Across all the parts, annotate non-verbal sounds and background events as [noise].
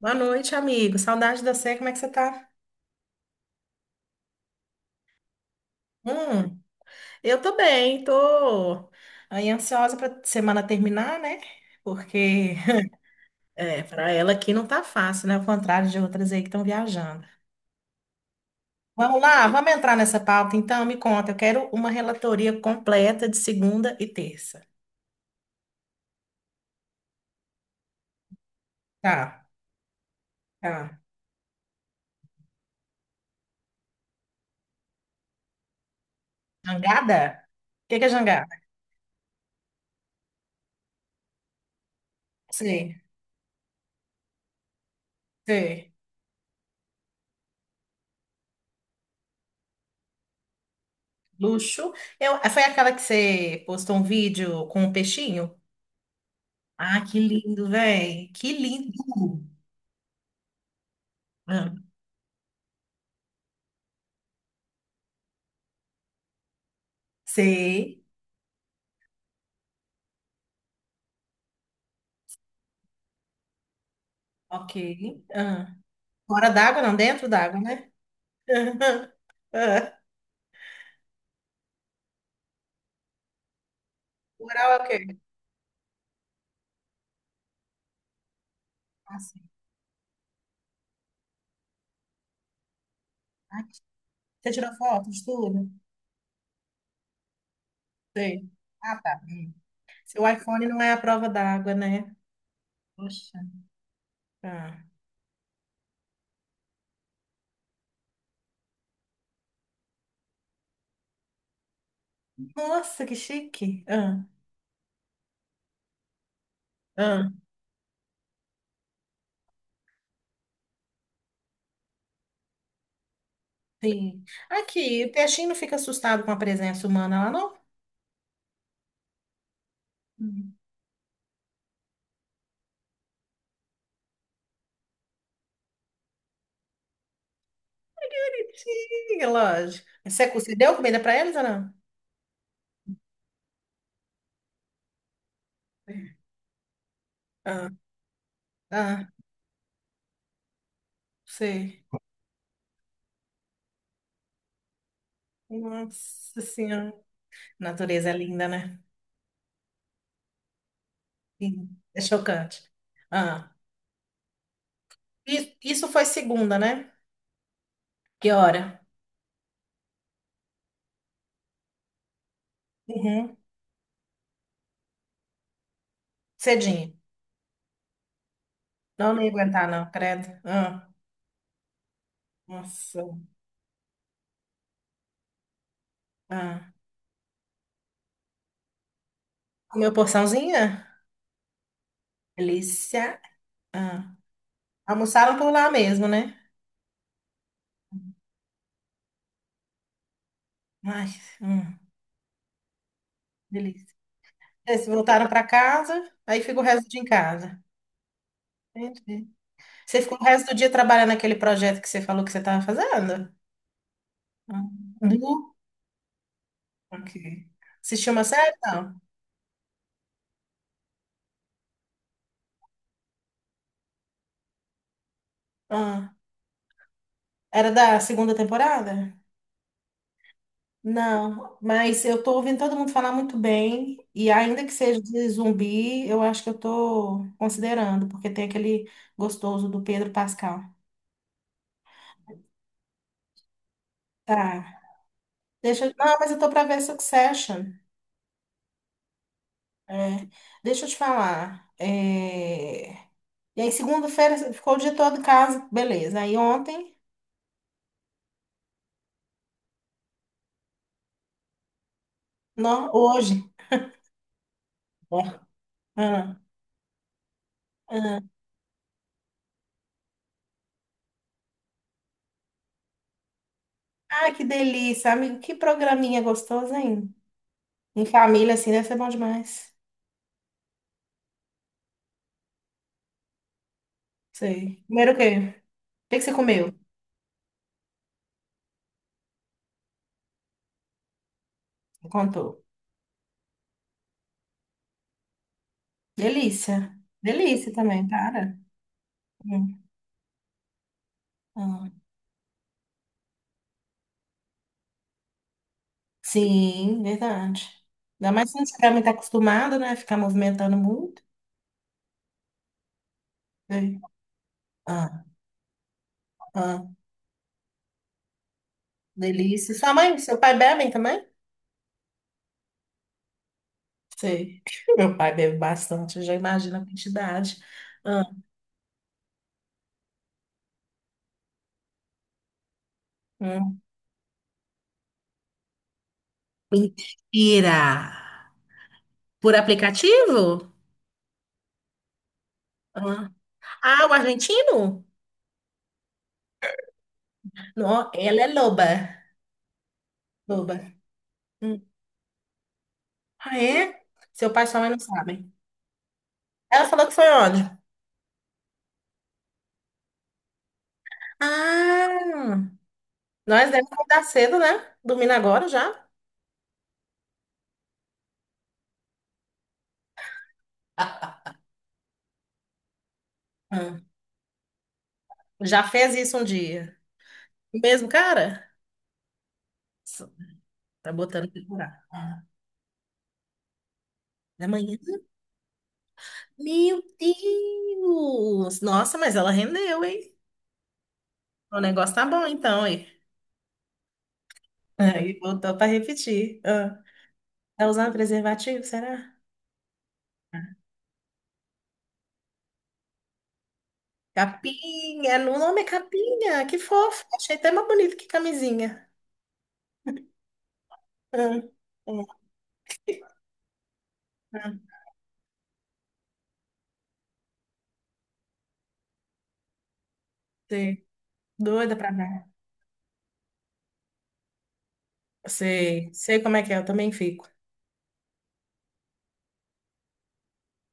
Boa noite, amigo. Saudade de você. Como é que você tá? Hum, eu tô bem, tô aí ansiosa pra semana terminar, né? Porque [laughs] é, para ela aqui não tá fácil, né? Ao contrário de outras aí que estão viajando. Vamos lá, vamos entrar nessa pauta então. Me conta, eu quero uma relatoria completa de segunda e terça. Tá, tá. Jangada? O que que é jangada? Sei, sei. Luxo. Eu, foi aquela que você postou um vídeo com um peixinho? Ah, que lindo, velho. Que lindo. Ah, sei. Ok. Ah. Fora d'água, não, dentro d'água, né? [laughs] Ah. Oral é o quê? Ah, sim. Ah, você tirou foto de tudo? Sei. Ah, tá. Hum. Seu iPhone não é a prova d'água, né? Poxa. Ah. Nossa, que chique. Ah. Ah. Sim. Aqui, o peixinho não fica assustado com a presença humana lá, não? Hum. Sim, lógico. Você, você deu comida pra eles ou não? Ah. Ah. Sei. Nossa Senhora. Natureza é linda, né? Sim, é chocante. Ah, isso foi segunda, né? Que hora? Uhum. Cedinho. Não, não ia aguentar, não, credo. Ah, nossa. Ah. Comeu porçãozinha? Delícia. Ah. Almoçaram por lá mesmo, né? Ai, hum, delícia. Eles voltaram para casa, aí fica o resto do dia em casa. Entendi. Você ficou o resto do dia trabalhando naquele projeto que você falou que você estava fazendo? Ah. Ok. Assistiu uma série? Não. Ah, era da segunda temporada? Não, mas eu tô ouvindo todo mundo falar muito bem, e ainda que seja de zumbi, eu acho que eu tô considerando, porque tem aquele gostoso do Pedro Pascal. Tá. Não, mas eu tô pra ver Succession. É, deixa eu te falar. É, e aí, segunda-feira, ficou o dia todo em casa, beleza. Aí ontem, não, hoje. Ó, ah, ah. Ah, que delícia, amigo. Que programinha gostoso, hein? Em família, assim, deve ser bom demais. Sei. Primeiro o quê? O que que você comeu? Me contou. Delícia. Delícia também, cara. Hum. Ah, sim, verdade. Ainda mais se não estiver muito acostumado, né? Ficar movimentando muito. Sei. Ah, ah, delícia. Sua mãe, seu pai bebem também? Sei. [laughs] Meu pai bebe bastante, eu já imagino a quantidade. Ah, hum. Mentira! Por aplicativo? Ah. Ah, o argentino? Não, ela é loba. Loba. Hum. Ah, é? Seu pai e sua mãe não sabem. Ela falou que foi onde? Ah, nós devemos acordar cedo, né? Dormindo agora já? [laughs] Ah, já fez isso um dia. O mesmo cara? S- Tá botando pra curar. Ah, da manhã? Meu Deus! Nossa, mas ela rendeu, hein? O negócio tá bom então, hein? Aí voltou pra repetir. Ah, tá usando preservativo, será? Capinha, no nome é capinha, que fofo. Achei até mais bonito que camisinha. Ah, ah, sei. Doida pra ver. Sei, sei como é que é, eu também fico.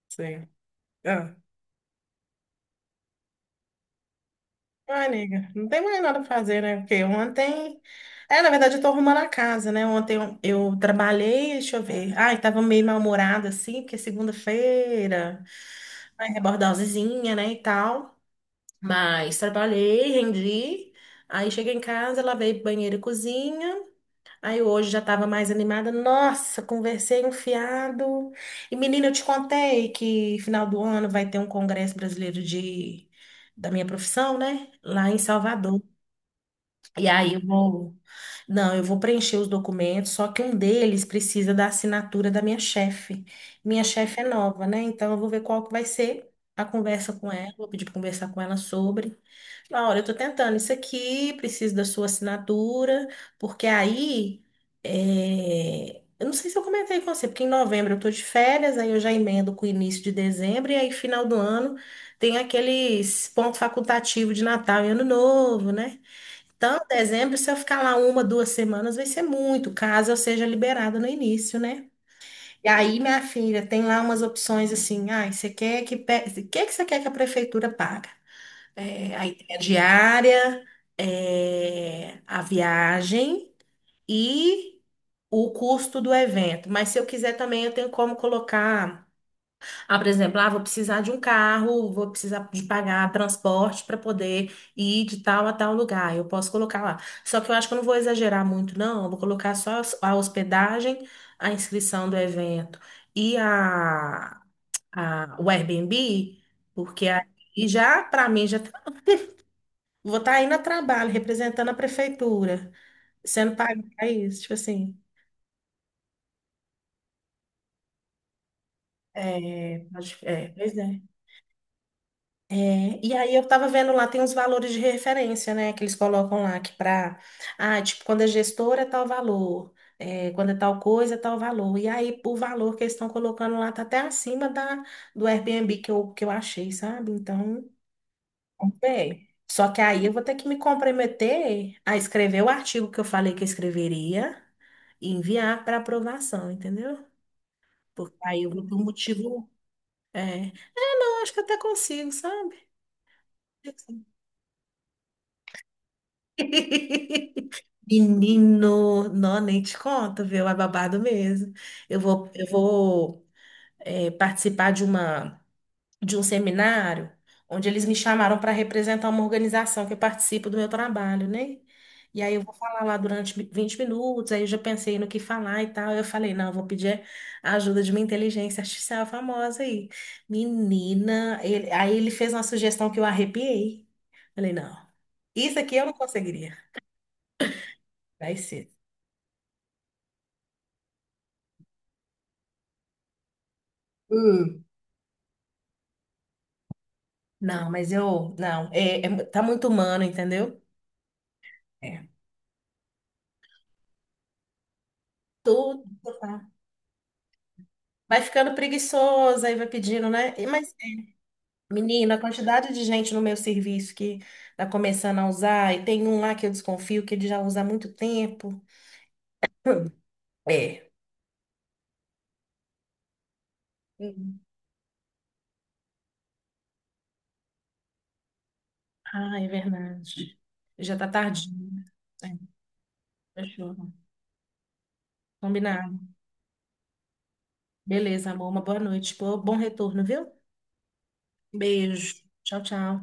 Sei. Ah, ah, nega, não tem mais nada pra fazer, né? Porque ontem. É, na verdade, eu tô arrumando a casa, né? Eu trabalhei, deixa eu ver. Ai, tava meio mal-humorada, assim, porque é segunda-feira, vai rebordar osizinha, né, e tal. Mas trabalhei, rendi. Aí cheguei em casa, lavei banheiro e cozinha. Aí hoje já estava mais animada. Nossa, conversei um fiado. E menina, eu te contei que final do ano vai ter um congresso brasileiro de da minha profissão, né? Lá em Salvador. E aí eu vou, não, eu vou preencher os documentos, só que um deles precisa da assinatura da minha chefe. Minha chefe é nova, né? Então eu vou ver qual que vai ser a conversa com ela, vou pedir para conversar com ela sobre. Laura, eu estou tentando isso aqui, preciso da sua assinatura, porque aí, é, eu não sei se eu comentei com você, porque em novembro eu estou de férias, aí eu já emendo com o início de dezembro, e aí final do ano tem aqueles pontos facultativos de Natal e Ano Novo, né? Então, dezembro, se eu ficar lá uma, duas semanas, vai ser muito, caso eu seja liberada no início, né? E aí, minha filha, tem lá umas opções assim, ah, você quer que, o que que você quer que a prefeitura pague? É, aí tem a diária, é, a viagem e o custo do evento. Mas se eu quiser também, eu tenho como colocar. Ah, por exemplo, ah, vou precisar de um carro, vou precisar de pagar transporte para poder ir de tal a tal lugar. Eu posso colocar lá. Só que eu acho que eu não vou exagerar muito, não. Eu vou colocar só a hospedagem, a inscrição do evento e a, a, o Airbnb, porque aí já, para mim, já. Vou estar aí no trabalho, representando a prefeitura, sendo pago para isso, tipo assim. É, é, pois é. É, e aí eu tava vendo lá, tem uns valores de referência, né, que eles colocam lá, que pra, ah, tipo, quando é gestora é tal valor, é, quando é tal coisa é tal valor. E aí o valor que eles estão colocando lá tá até acima da, do Airbnb que eu achei, sabe? Então, bem. Só que aí eu vou ter que me comprometer a escrever o artigo que eu falei que eu escreveria e enviar para aprovação, entendeu? Porque aí eu vou ter um motivo. É, é, não, acho que até consigo, sabe? [laughs] Menino, não, nem te conto, viu? É babado mesmo. Eu vou, é, participar de uma. De um seminário onde eles me chamaram para representar uma organização que participa do meu trabalho, né? E aí eu vou falar lá durante 20 minutos, aí eu já pensei no que falar e tal. Eu falei, não, eu vou pedir a ajuda de uma inteligência artificial famosa aí. Menina, aí ele fez uma sugestão que eu arrepiei. Falei, não, isso aqui eu não conseguiria. Vai ser. Hum. Não, mas eu, não, é, é tá muito humano, entendeu? É. Tudo, tá? Vai ficando preguiçoso, aí vai pedindo, né? E mas menina, a quantidade de gente no meu serviço que tá começando a usar, e tem um lá que eu desconfio que ele já usa há muito tempo. [laughs] É. Hum. Ah, é verdade. Já tá tardinho. É, fechou. Combinado. Beleza, amor. Uma boa noite. Pô, bom retorno, viu? Beijo. Tchau, tchau.